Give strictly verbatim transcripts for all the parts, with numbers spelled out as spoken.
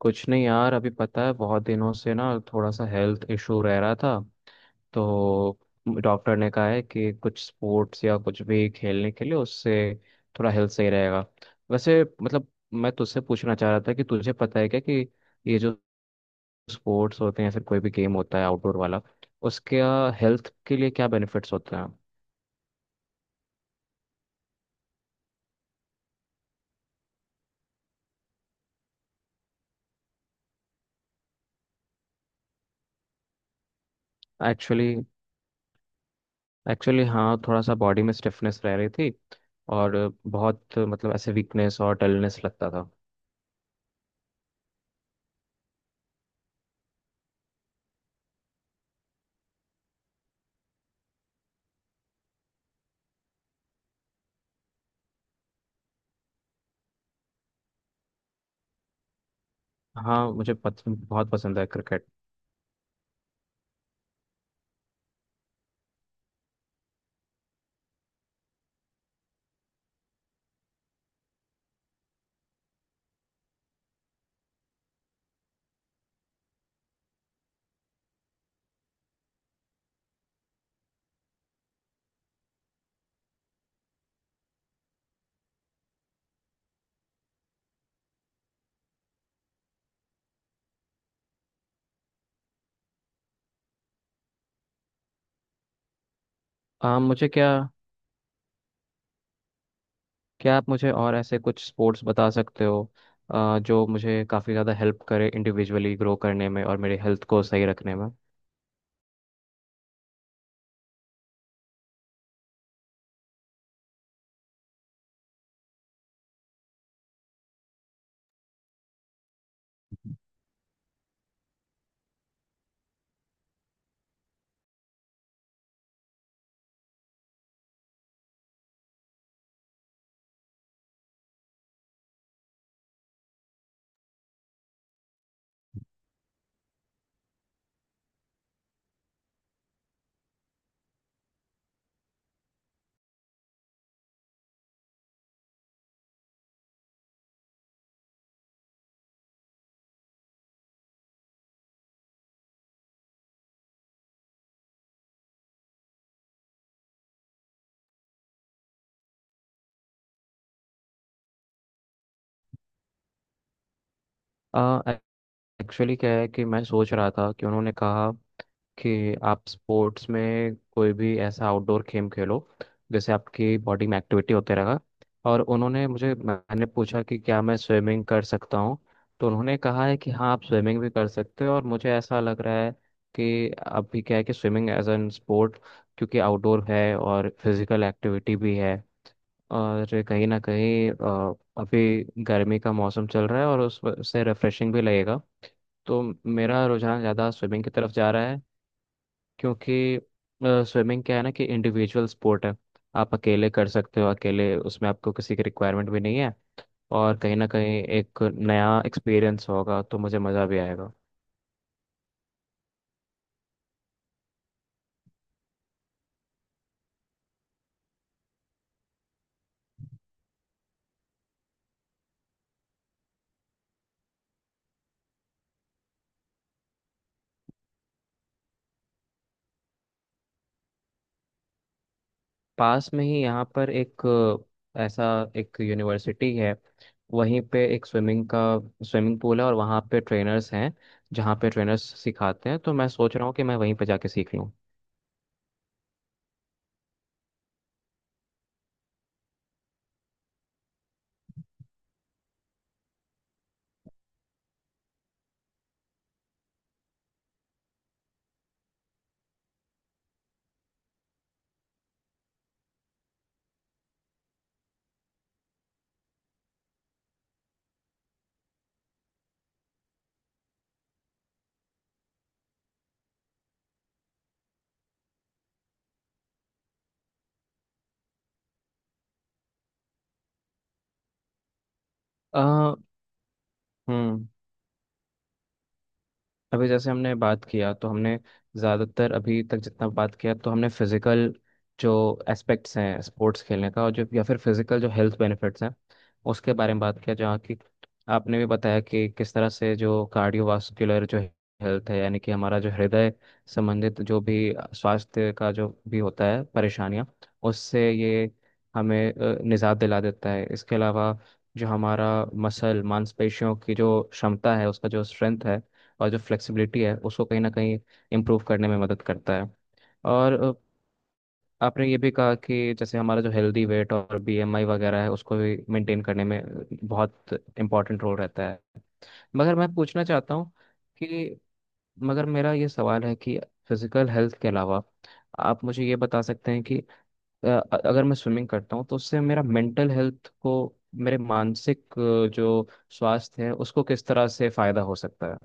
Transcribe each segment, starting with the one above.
कुछ नहीं यार, अभी पता है बहुत दिनों से ना थोड़ा सा हेल्थ इशू रह रहा था। तो डॉक्टर ने कहा है कि कुछ स्पोर्ट्स या कुछ भी खेलने के लिए उससे थोड़ा हेल्थ सही रहेगा। वैसे मतलब मैं तुझसे पूछना चाह रहा था कि तुझे पता है क्या कि ये जो स्पोर्ट्स होते हैं या फिर कोई भी गेम होता है आउटडोर वाला, उसके हेल्थ के लिए क्या बेनिफिट्स होते हैं। एक्चुअली एक्चुअली हाँ, थोड़ा सा बॉडी में स्टिफनेस रह रही थी, और बहुत मतलब ऐसे वीकनेस और डलनेस लगता था। हाँ मुझे पत, बहुत पसंद है क्रिकेट। आ, मुझे क्या, क्या आप मुझे और ऐसे कुछ स्पोर्ट्स बता सकते हो आ, जो मुझे काफ़ी ज़्यादा हेल्प करे इंडिविजुअली ग्रो करने में और मेरे हेल्थ को सही रखने में। एक्चुअली क्या है कि मैं सोच रहा था कि उन्होंने कहा कि आप स्पोर्ट्स में कोई भी ऐसा आउटडोर गेम खेलो जैसे आपकी बॉडी में एक्टिविटी होते रहा। और उन्होंने मुझे मैंने पूछा कि क्या मैं स्विमिंग कर सकता हूँ। तो उन्होंने कहा है कि हाँ आप स्विमिंग भी कर सकते हो, और मुझे ऐसा लग रहा है कि अभी क्या है कि स्विमिंग एज एन स्पोर्ट, क्योंकि आउटडोर है और फिजिकल एक्टिविटी भी है। और कहीं ना कहीं अ, अभी गर्मी का मौसम चल रहा है और उस उससे रिफ्रेशिंग भी लगेगा। तो मेरा रुझान ज़्यादा स्विमिंग की तरफ जा रहा है, क्योंकि स्विमिंग क्या है ना कि इंडिविजुअल स्पोर्ट है। आप अकेले कर सकते हो, अकेले उसमें आपको किसी की रिक्वायरमेंट भी नहीं है। और कहीं ना कहीं एक नया एक्सपीरियंस होगा तो मुझे मज़ा भी आएगा। पास में ही यहाँ पर एक अ, ऐसा एक यूनिवर्सिटी है, वहीं पे एक स्विमिंग का स्विमिंग पूल है और वहाँ पे ट्रेनर्स हैं, जहाँ पे ट्रेनर्स सिखाते हैं। तो मैं सोच रहा हूँ कि मैं वहीं पे जाके सीख लूँ। अ, हम्म। अभी जैसे हमने बात किया, तो हमने ज़्यादातर अभी तक जितना बात किया तो हमने फिज़िकल जो एस्पेक्ट्स हैं स्पोर्ट्स खेलने का, और जो या फिर फिज़िकल जो हेल्थ बेनिफिट्स हैं उसके बारे में बात किया, जहाँ की आपने भी बताया कि किस तरह से जो कार्डियोवास्कुलर जो हेल्थ है, यानी कि हमारा जो हृदय संबंधित जो भी स्वास्थ्य का जो भी होता है परेशानियाँ, उससे ये हमें अ, निजात दिला देता है। इसके अलावा जो हमारा मसल मांसपेशियों की जो क्षमता है, उसका जो स्ट्रेंथ है और जो फ्लेक्सिबिलिटी है उसको कहीं ना कहीं इम्प्रूव करने में मदद करता है। और अ, आपने ये भी कहा कि जैसे हमारा जो हेल्दी वेट और बीएमआई वगैरह है उसको भी मेंटेन करने में बहुत इम्पोर्टेंट रोल रहता है। मगर मैं पूछना चाहता हूँ कि, मगर मेरा ये सवाल है कि फिजिकल हेल्थ के अलावा आप मुझे ये बता सकते हैं कि अ, अगर मैं स्विमिंग करता हूँ तो उससे मेरा मेंटल हेल्थ को, मेरे मानसिक अ, जो स्वास्थ्य है उसको किस तरह से फायदा हो सकता है।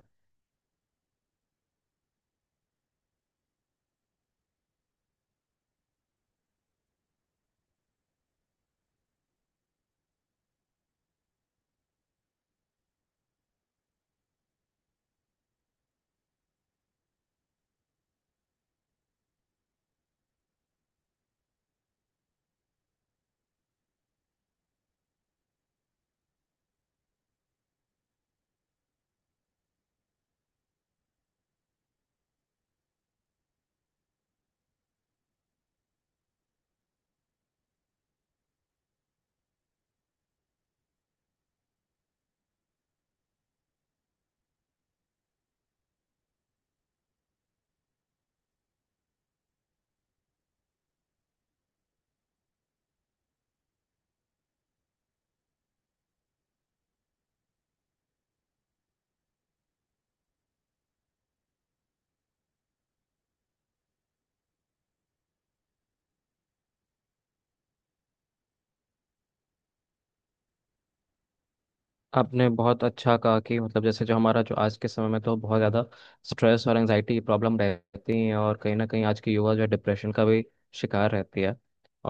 आपने बहुत अच्छा कहा कि मतलब जैसे जो हमारा जो आज के समय में तो बहुत ज़्यादा स्ट्रेस और एंजाइटी की प्रॉब्लम रहती है, और कहीं ना कहीं आज की युवा जो है डिप्रेशन का भी शिकार रहती है।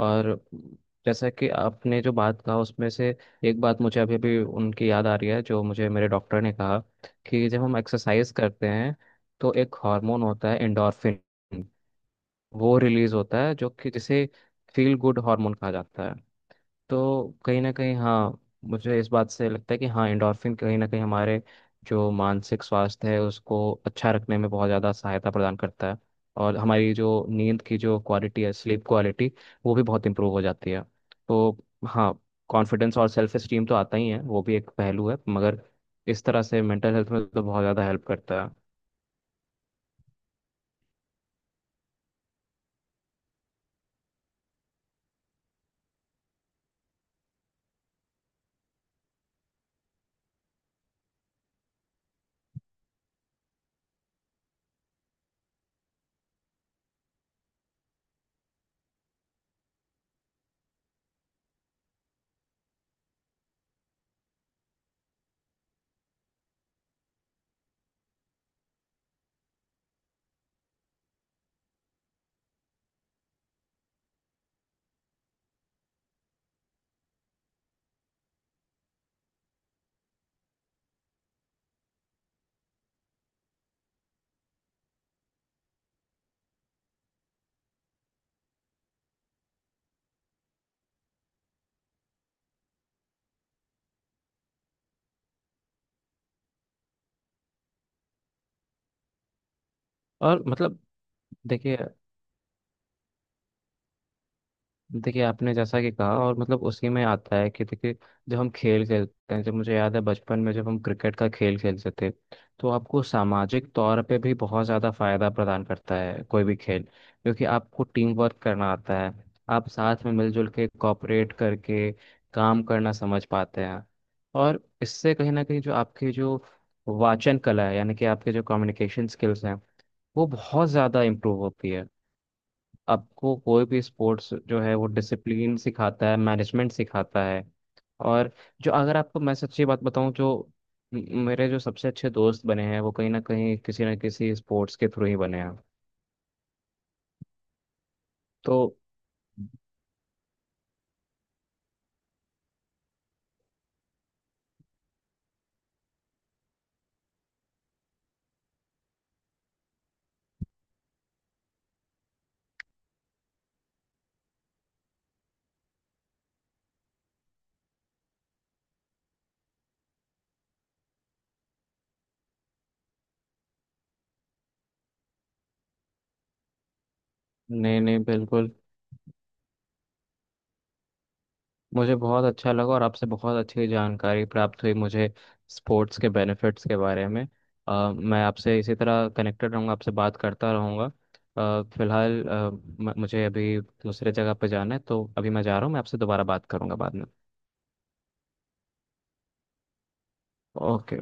और जैसा कि आपने जो बात कहा उसमें से एक बात मुझे अभी भी उनकी याद आ रही है जो मुझे मेरे डॉक्टर ने कहा कि जब हम एक्सरसाइज करते हैं तो एक हार्मोन होता है एंडोर्फिन, वो रिलीज होता है, जो कि जिसे फील गुड हार्मोन कहा जाता है। तो कहीं ना कहीं हाँ, मुझे इस बात से लगता है कि हाँ एंडोर्फिन कहीं ना कहीं हमारे जो मानसिक स्वास्थ्य है उसको अच्छा रखने में बहुत ज़्यादा सहायता प्रदान करता है। और हमारी जो नींद की जो क्वालिटी है, स्लीप क्वालिटी, वो भी बहुत इंप्रूव हो जाती है। तो हाँ, कॉन्फिडेंस और सेल्फ एस्टीम तो आता ही है, वो भी एक पहलू है। मगर इस तरह से मेंटल हेल्थ में तो बहुत ज़्यादा हेल्प करता है। और मतलब देखिए, देखिए आपने जैसा कि कहा, और मतलब उसी में आता है कि देखिए जब हम खेल खेलते हैं, जब मुझे याद है बचपन में जब हम क्रिकेट का खेल खेलते थे, तो आपको सामाजिक तौर पे भी बहुत ज़्यादा फायदा प्रदान करता है कोई भी खेल, क्योंकि आपको टीम वर्क करना आता है। आप साथ में मिलजुल के कॉपरेट करके काम करना समझ पाते हैं। और इससे कहीं ना कहीं जो आपकी जो वाचन कला है, यानी कि आपके जो कम्युनिकेशन स्किल्स हैं, वो बहुत ज़्यादा इम्प्रूव होती है। आपको कोई भी स्पोर्ट्स जो है वो डिसिप्लिन सिखाता है, मैनेजमेंट सिखाता है। और जो, अगर आपको मैं सच्ची बात बताऊं, जो म- मेरे जो सबसे अच्छे दोस्त बने हैं वो कहीं ना कहीं किसी ना किसी स्पोर्ट्स के थ्रू ही बने हैं। तो नहीं नहीं, बिल्कुल मुझे बहुत अच्छा लगा और आपसे बहुत अच्छी जानकारी प्राप्त हुई मुझे स्पोर्ट्स के बेनिफिट्स के बारे में। अ, मैं आपसे इसी तरह कनेक्टेड रहूँगा, आपसे बात करता रहूँगा। अ, फिलहाल अ, म- मुझे अभी दूसरे जगह पे जाना है, तो अभी मैं जा रहा हूँ, मैं आपसे दोबारा बात करूँगा बाद में। ओके।